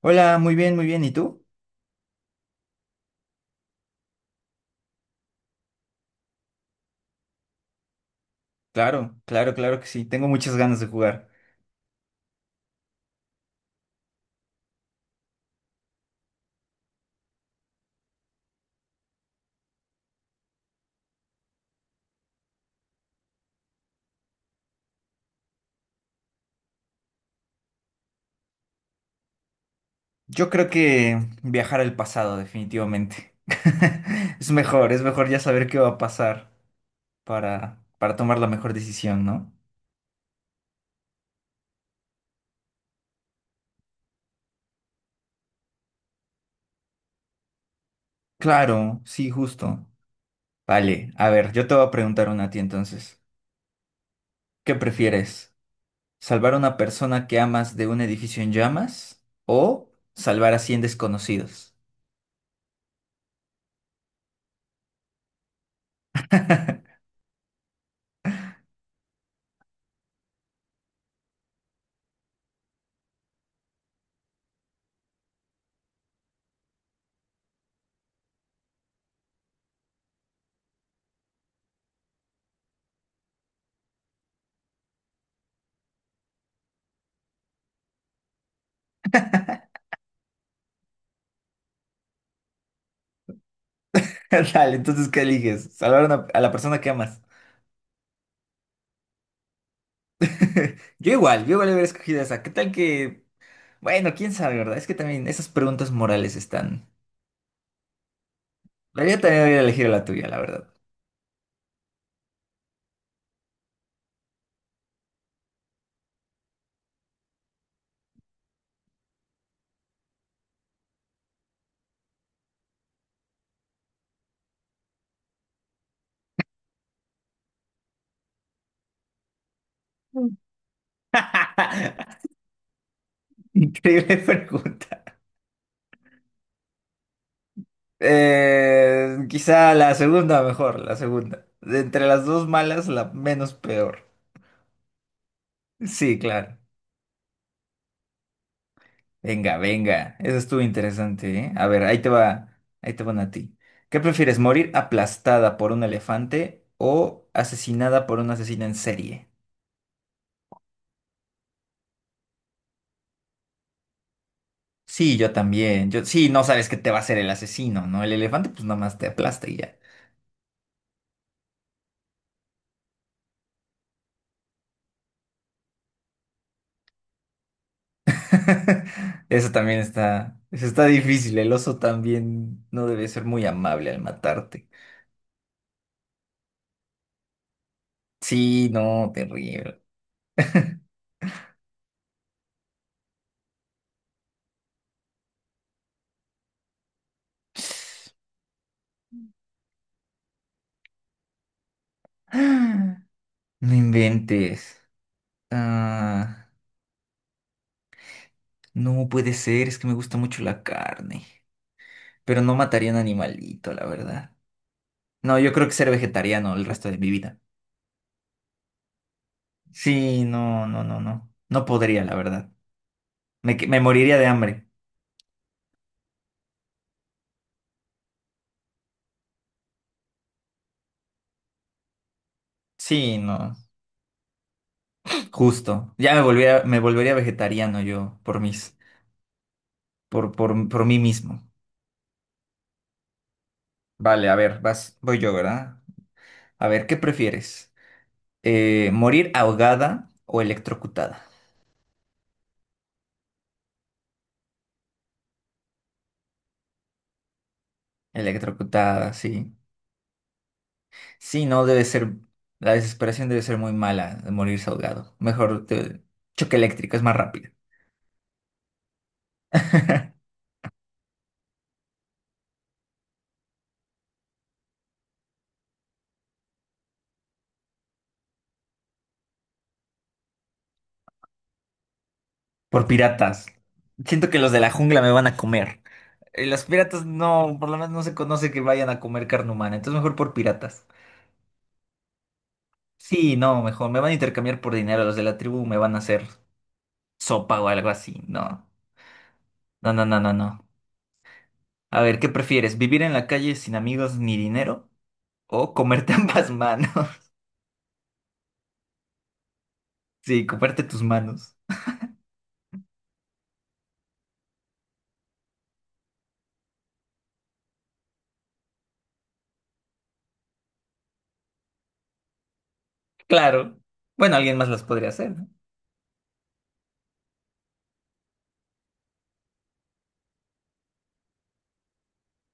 Hola, muy bien, muy bien. ¿Y tú? Claro, claro, claro que sí. Tengo muchas ganas de jugar. Yo creo que viajar al pasado, definitivamente. Es mejor ya saber qué va a pasar para tomar la mejor decisión, ¿no? Claro, sí, justo. Vale, a ver, yo te voy a preguntar una a ti entonces. ¿Qué prefieres? ¿Salvar a una persona que amas de un edificio en llamas o salvar a 100 desconocidos? Dale, entonces, ¿qué eliges? ¿Salvar a a la persona que amas? Yo igual hubiera escogido esa. ¿Qué tal que... Bueno, quién sabe, ¿verdad? Es que también esas preguntas morales están... La vida también hubiera elegido la tuya, la verdad. Mm. Increíble pregunta. Quizá la segunda mejor, la segunda. De entre las dos malas, la menos peor. Sí, claro. Venga, venga. Eso estuvo interesante, ¿eh? A ver, ahí te va, ahí te van a ti. ¿Qué prefieres, morir aplastada por un elefante o asesinada por un asesino en serie? Sí, yo también. Yo, sí, no sabes qué te va a hacer el asesino, ¿no? El elefante, pues nada más te aplasta y ya. Eso también está, eso está difícil. El oso también no debe ser muy amable al matarte. Sí, no, terrible. No inventes. Ah, no puede ser, es que me gusta mucho la carne. Pero no mataría un animalito, la verdad. No, yo creo que ser vegetariano el resto de mi vida. Sí, no, no, no, no. No podría, la verdad. Me, me moriría de hambre. Sí, no. Justo. Ya me volvería vegetariano yo por mis, por mí mismo. Vale, a ver, vas, voy yo, ¿verdad? A ver, ¿qué prefieres? ¿Morir ahogada o electrocutada? Electrocutada, sí. Sí, no debe ser, la desesperación debe ser muy mala de morirse ahogado. Mejor choque eléctrico, es más rápido. Por piratas. Siento que los de la jungla me van a comer. Los piratas no, por lo menos no se conoce que vayan a comer carne humana, entonces mejor por piratas. Sí, no, mejor, me van a intercambiar por dinero, los de la tribu me van a hacer sopa o algo así, no. No, no, no, no, no. A ver, ¿qué prefieres? ¿Vivir en la calle sin amigos ni dinero? ¿O comerte ambas manos? Sí, comerte tus manos. Claro. Bueno, alguien más las podría hacer, ¿no?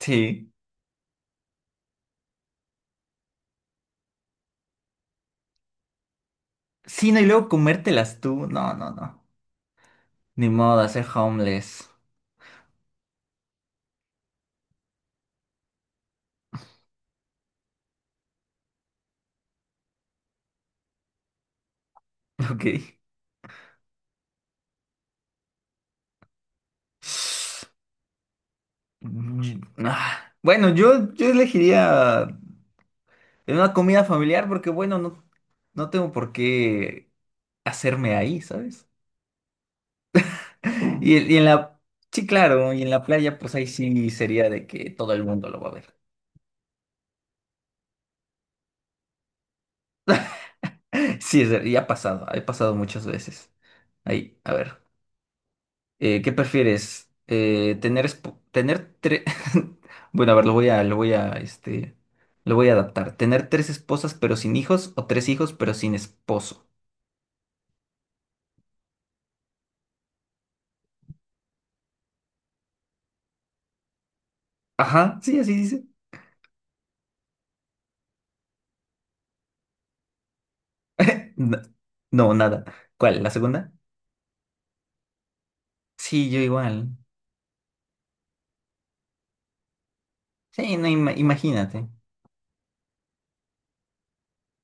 Sí. Sí, no, y luego comértelas tú. No, no, no. Ni modo, hacer homeless. Ok. Mm, ah, bueno, yo elegiría una comida familiar porque, bueno, no, no tengo por qué hacerme ahí, ¿sabes? Y en la... Sí, claro, y en la playa, pues ahí sí sería de que todo el mundo lo va a ver. Sí, y ha pasado muchas veces. Ahí, a ver, ¿qué prefieres? Tener, tener tres... Bueno, a ver, lo voy a, lo voy a adaptar. ¿Tener tres esposas pero sin hijos o tres hijos pero sin esposo? Ajá, sí, así dice. Na- No, nada. ¿Cuál? ¿La segunda? Sí, yo igual. Sí, no, imagínate.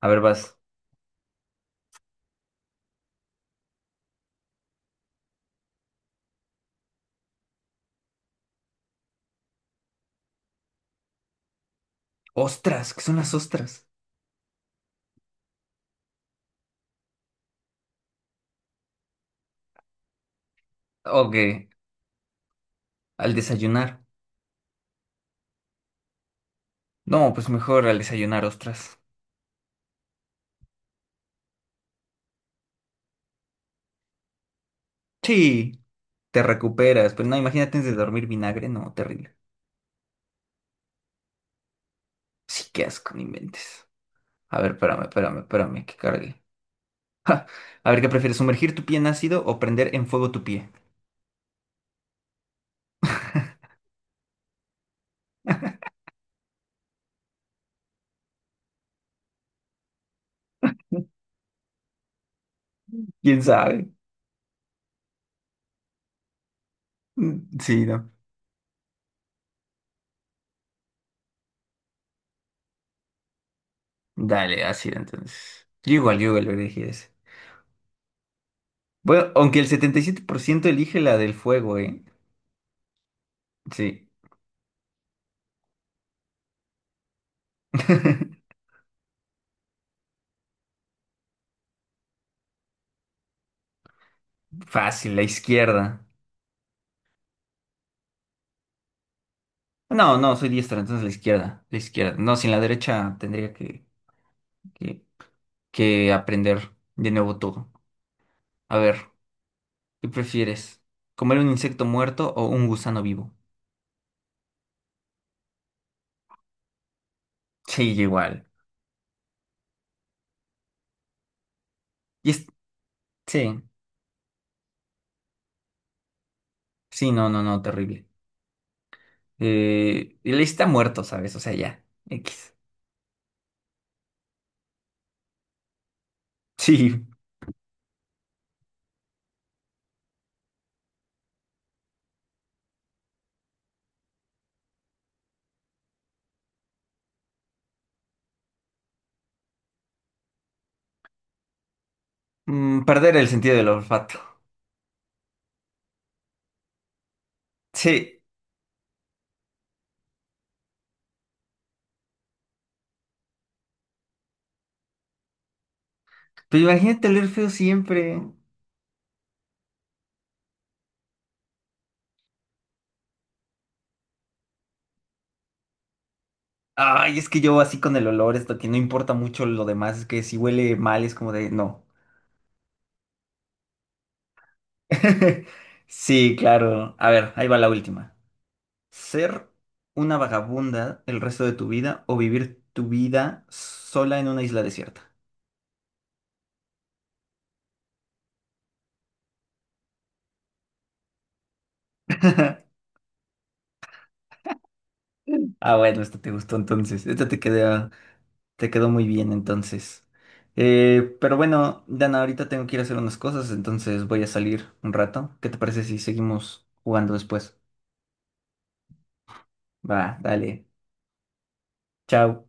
A ver, vas. Ostras, ¿qué son las ostras? Ok, al desayunar. No, pues mejor al desayunar ostras. Sí, te recuperas, pero no, imagínate antes de dormir vinagre, no, terrible. Sí, qué asco, no inventes. A ver, espérame, espérame, espérame, que cargue. Ja, a ver, ¿qué prefieres, sumergir tu pie en ácido o prender en fuego tu pie? ¿Quién sabe? Mm, sí, no. Dale, ácida entonces. Yo igual lo elegí ese. Bueno, aunque el 77% elige la del fuego, ¿eh? Sí. Fácil, la izquierda. No, no, soy diestra, entonces la izquierda. La izquierda. No, sin la derecha tendría que, que, que aprender de nuevo todo. A ver, ¿qué prefieres? ¿Comer un insecto muerto o un gusano vivo? Sí, yo igual. Y es- sí, sí, no, no, no, terrible. Él está muerto, ¿sabes? O sea, ya. X. Sí. Mm, perder el sentido del olfato. Sí, pero imagínate oler feo siempre. Ay, es que yo así con el olor, esto que no importa mucho lo demás, es que si huele mal es como de no. Sí, claro. A ver, ahí va la última. ¿Ser una vagabunda el resto de tu vida o vivir tu vida sola en una isla desierta? Ah, bueno, esta te gustó entonces. Esta te quedó. Te quedó muy bien entonces. Pero bueno, Dana, ahorita tengo que ir a hacer unas cosas, entonces voy a salir un rato. ¿Qué te parece si seguimos jugando después? Va, dale. Chao.